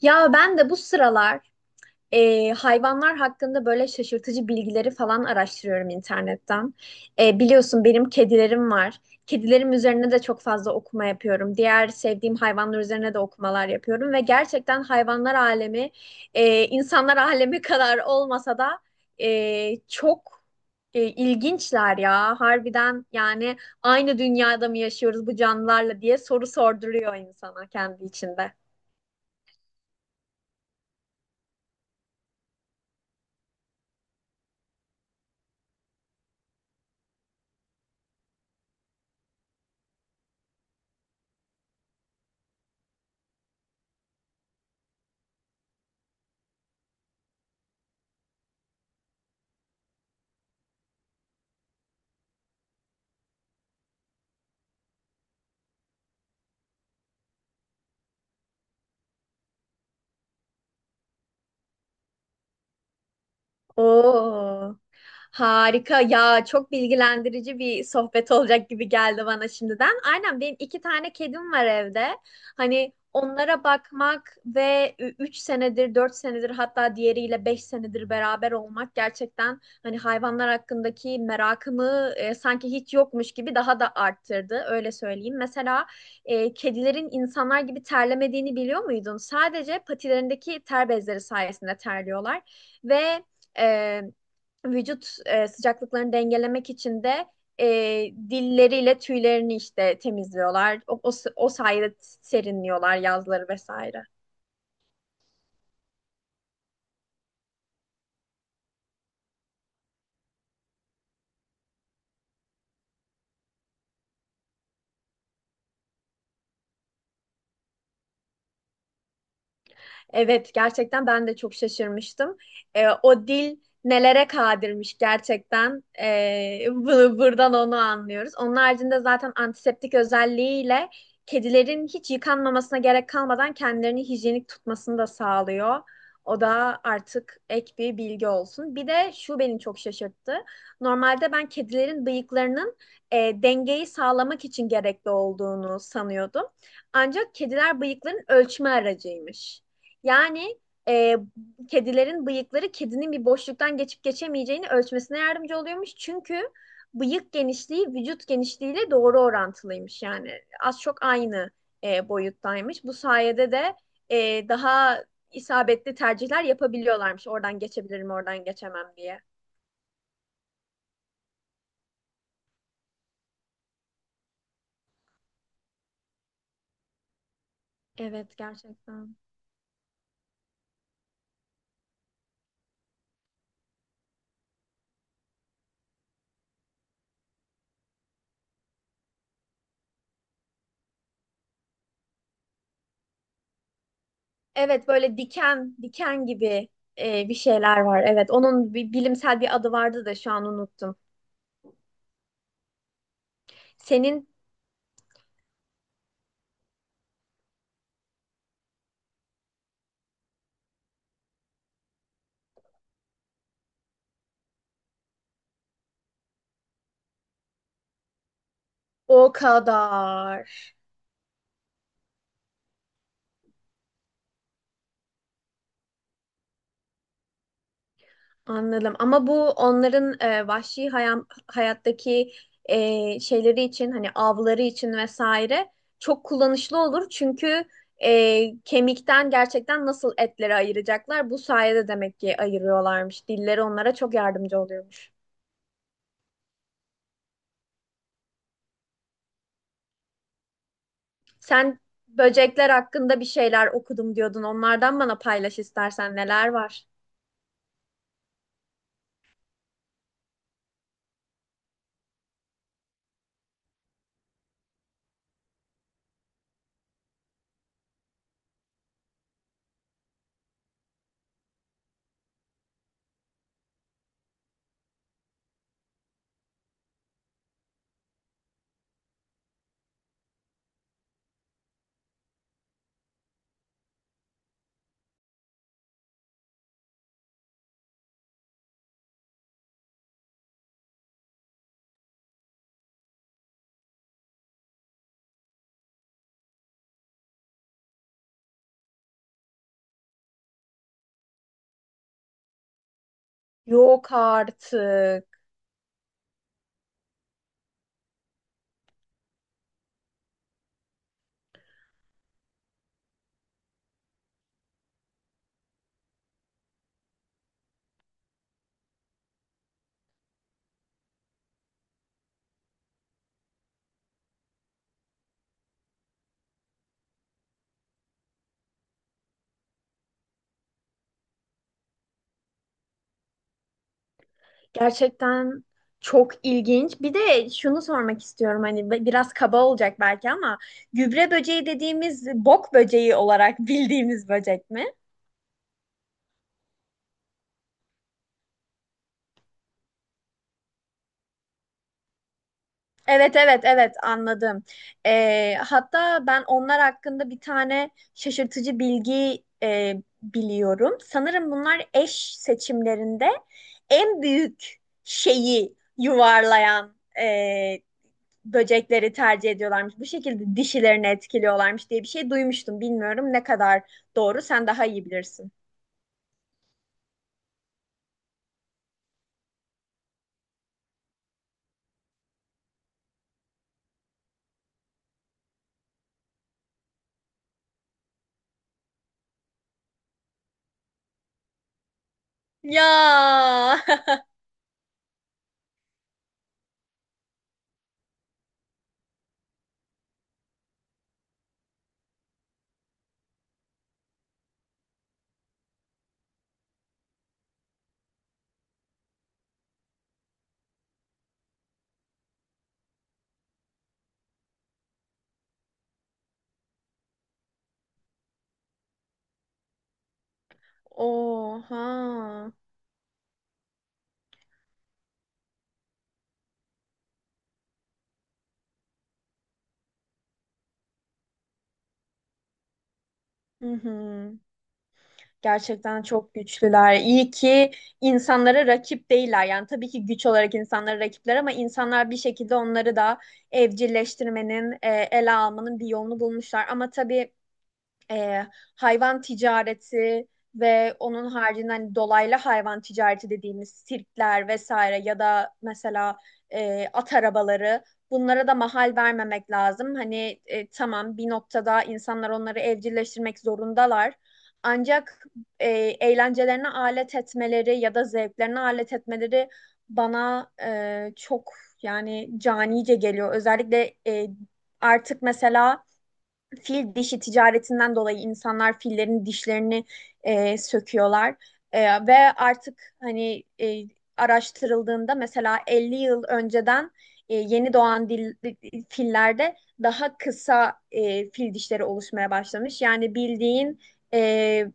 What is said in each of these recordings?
Ya ben de bu sıralar hayvanlar hakkında böyle şaşırtıcı bilgileri falan araştırıyorum internetten. Biliyorsun benim kedilerim var. Kedilerim üzerine de çok fazla okuma yapıyorum. Diğer sevdiğim hayvanlar üzerine de okumalar yapıyorum ve gerçekten hayvanlar alemi insanlar alemi kadar olmasa da çok ilginçler ya. Harbiden yani aynı dünyada mı yaşıyoruz bu canlılarla diye soru sorduruyor insana kendi içinde. Oo, harika ya, çok bilgilendirici bir sohbet olacak gibi geldi bana şimdiden. Aynen benim iki tane kedim var evde. Hani onlara bakmak ve 3 senedir, 4 senedir, hatta diğeriyle 5 senedir beraber olmak gerçekten hani hayvanlar hakkındaki merakımı, sanki hiç yokmuş gibi daha da arttırdı. Öyle söyleyeyim. Mesela kedilerin insanlar gibi terlemediğini biliyor muydun? Sadece patilerindeki ter bezleri sayesinde terliyorlar ve e, vücut sıcaklıklarını dengelemek için de dilleriyle tüylerini işte temizliyorlar. O sayede serinliyorlar yazları vesaire. Evet, gerçekten ben de çok şaşırmıştım. O dil nelere kadirmiş gerçekten. Buradan onu anlıyoruz. Onun haricinde zaten antiseptik özelliğiyle kedilerin hiç yıkanmamasına gerek kalmadan kendilerini hijyenik tutmasını da sağlıyor. O da artık ek bir bilgi olsun. Bir de şu beni çok şaşırttı. Normalde ben kedilerin bıyıklarının dengeyi sağlamak için gerekli olduğunu sanıyordum. Ancak kediler bıyıkların ölçme aracıymış. Yani e, kedilerin bıyıkları kedinin bir boşluktan geçip geçemeyeceğini ölçmesine yardımcı oluyormuş. Çünkü bıyık genişliği vücut genişliğiyle doğru orantılıymış. Yani az çok aynı boyuttaymış. Bu sayede de daha isabetli tercihler yapabiliyorlarmış. Oradan geçebilirim, oradan geçemem diye. Evet, gerçekten. Evet, böyle diken, diken gibi bir şeyler var. Evet, onun bir bilimsel bir adı vardı da şu an unuttum. Senin O kadar. Anladım. Ama bu onların vahşi hayattaki şeyleri için hani avları için vesaire çok kullanışlı olur. Çünkü kemikten gerçekten nasıl etleri ayıracaklar? Bu sayede demek ki ayırıyorlarmış. Dilleri onlara çok yardımcı oluyormuş. Sen böcekler hakkında bir şeyler okudum diyordun. Onlardan bana paylaş istersen neler var? Yok artık. Gerçekten çok ilginç. Bir de şunu sormak istiyorum, hani biraz kaba olacak belki ama gübre böceği dediğimiz bok böceği olarak bildiğimiz böcek mi? Evet, evet, evet, anladım. Hatta ben onlar hakkında bir tane şaşırtıcı bilgi biliyorum. Sanırım bunlar eş seçimlerinde en büyük şeyi yuvarlayan böcekleri tercih ediyorlarmış. Bu şekilde dişilerini etkiliyorlarmış diye bir şey duymuştum. Bilmiyorum ne kadar doğru. Sen daha iyi bilirsin. Ya. Oha. Hı hı. Gerçekten çok güçlüler. İyi ki insanlara rakip değiller. Yani tabii ki güç olarak insanlara rakipler ama insanlar bir şekilde onları da evcilleştirmenin, ele almanın bir yolunu bulmuşlar. Ama tabii e, hayvan ticareti ve onun haricinde hani dolaylı hayvan ticareti dediğimiz sirkler vesaire, ya da mesela at arabaları, bunlara da mahal vermemek lazım. Hani tamam, bir noktada insanlar onları evcilleştirmek zorundalar. Ancak e, eğlencelerine alet etmeleri ya da zevklerine alet etmeleri bana çok, yani canice geliyor. Özellikle artık mesela fil dişi ticaretinden dolayı insanlar fillerin dişlerini söküyorlar. Ve artık hani araştırıldığında mesela 50 yıl önceden yeni doğan dil, fillerde daha kısa fil dişleri oluşmaya başlamış. Yani bildiğin e,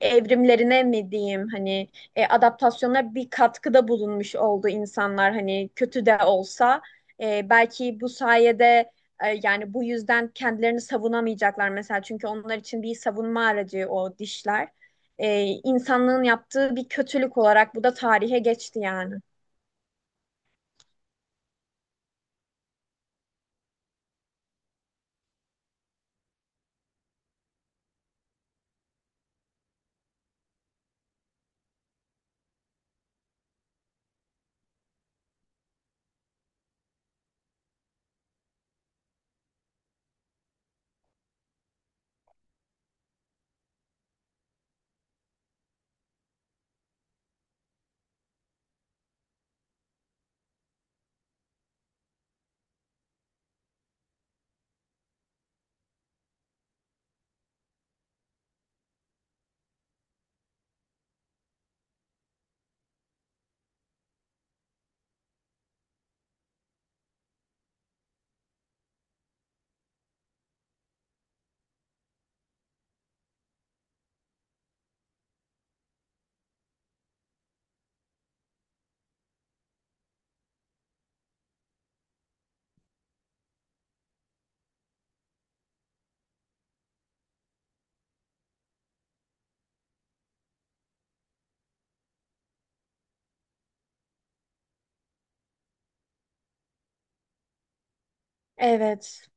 evrimlerine mi diyeyim, hani adaptasyona bir katkıda bulunmuş oldu insanlar, hani kötü de olsa. Belki bu sayede yani bu yüzden kendilerini savunamayacaklar mesela, çünkü onlar için bir savunma aracı o dişler. E, insanlığın yaptığı bir kötülük olarak bu da tarihe geçti yani. Evet.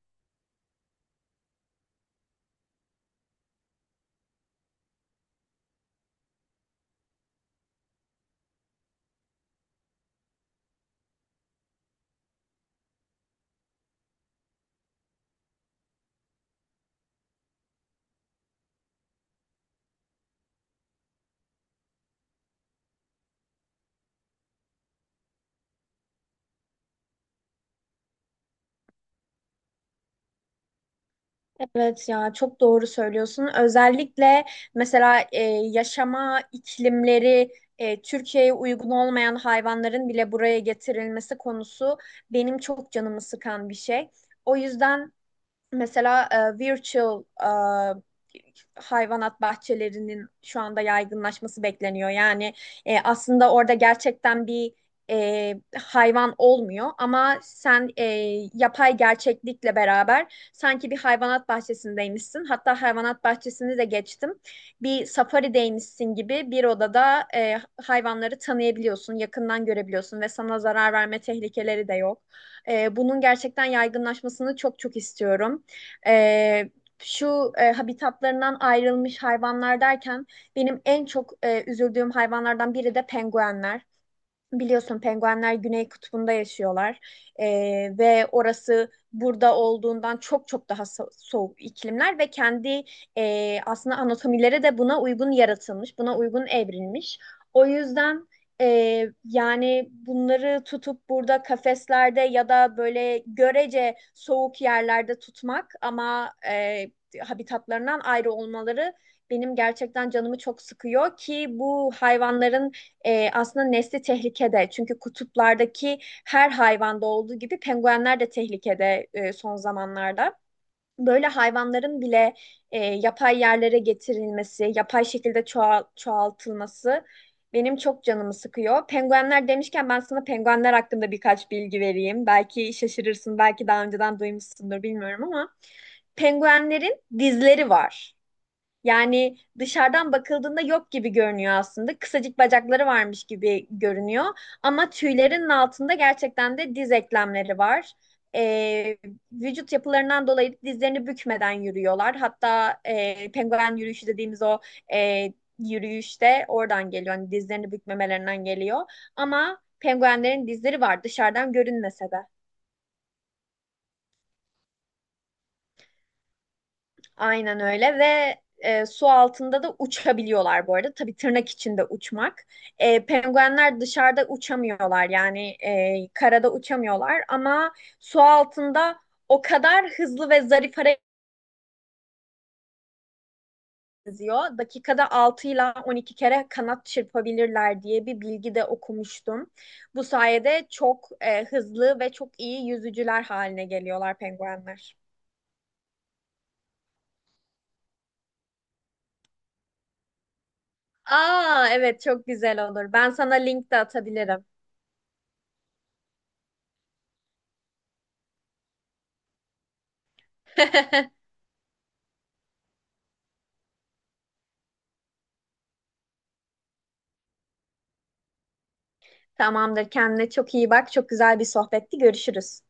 Evet ya, çok doğru söylüyorsun. Özellikle mesela yaşama iklimleri Türkiye'ye uygun olmayan hayvanların bile buraya getirilmesi konusu benim çok canımı sıkan bir şey. O yüzden mesela virtual hayvanat bahçelerinin şu anda yaygınlaşması bekleniyor. Yani aslında orada gerçekten bir hayvan olmuyor ama sen yapay gerçeklikle beraber sanki bir hayvanat bahçesindeymişsin. Hatta hayvanat bahçesini de geçtim. Bir safarideymişsin gibi bir odada hayvanları tanıyabiliyorsun, yakından görebiliyorsun ve sana zarar verme tehlikeleri de yok. Bunun gerçekten yaygınlaşmasını çok çok istiyorum, e, şu habitatlarından ayrılmış hayvanlar derken benim en çok üzüldüğüm hayvanlardan biri de penguenler. Biliyorsun penguenler Güney Kutbu'nda yaşıyorlar. Ve orası burada olduğundan çok çok daha soğuk iklimler ve kendi aslında anatomileri de buna uygun yaratılmış, buna uygun evrilmiş. O yüzden yani bunları tutup burada kafeslerde ya da böyle görece soğuk yerlerde tutmak ama habitatlarından ayrı olmaları benim gerçekten canımı çok sıkıyor ki bu hayvanların aslında nesli tehlikede. Çünkü kutuplardaki her hayvanda olduğu gibi penguenler de tehlikede son zamanlarda. Böyle hayvanların bile yapay yerlere getirilmesi, yapay şekilde çoğaltılması benim çok canımı sıkıyor. Penguenler demişken ben sana penguenler hakkında birkaç bilgi vereyim. Belki şaşırırsın, belki daha önceden duymuşsundur bilmiyorum, ama penguenlerin dizleri var. Yani dışarıdan bakıldığında yok gibi görünüyor aslında. Kısacık bacakları varmış gibi görünüyor. Ama tüylerinin altında gerçekten de diz eklemleri var. Ee, vücut yapılarından dolayı dizlerini bükmeden yürüyorlar. Hatta penguen yürüyüşü dediğimiz o e, yürüyüş de oradan geliyor. Hani dizlerini bükmemelerinden geliyor. Ama penguenlerin dizleri var dışarıdan görünmese de. Aynen öyle ve su altında da uçabiliyorlar bu arada. Tabii tırnak içinde uçmak. Penguenler dışarıda uçamıyorlar, yani karada uçamıyorlar ama su altında o kadar hızlı ve zarif hareket ediyor. Dakikada 6 ile 12 kere kanat çırpabilirler diye bir bilgi de okumuştum. Bu sayede çok hızlı ve çok iyi yüzücüler haline geliyorlar penguenler. Aa, evet, çok güzel olur. Ben sana link de atabilirim. Tamamdır. Kendine çok iyi bak. Çok güzel bir sohbetti. Görüşürüz.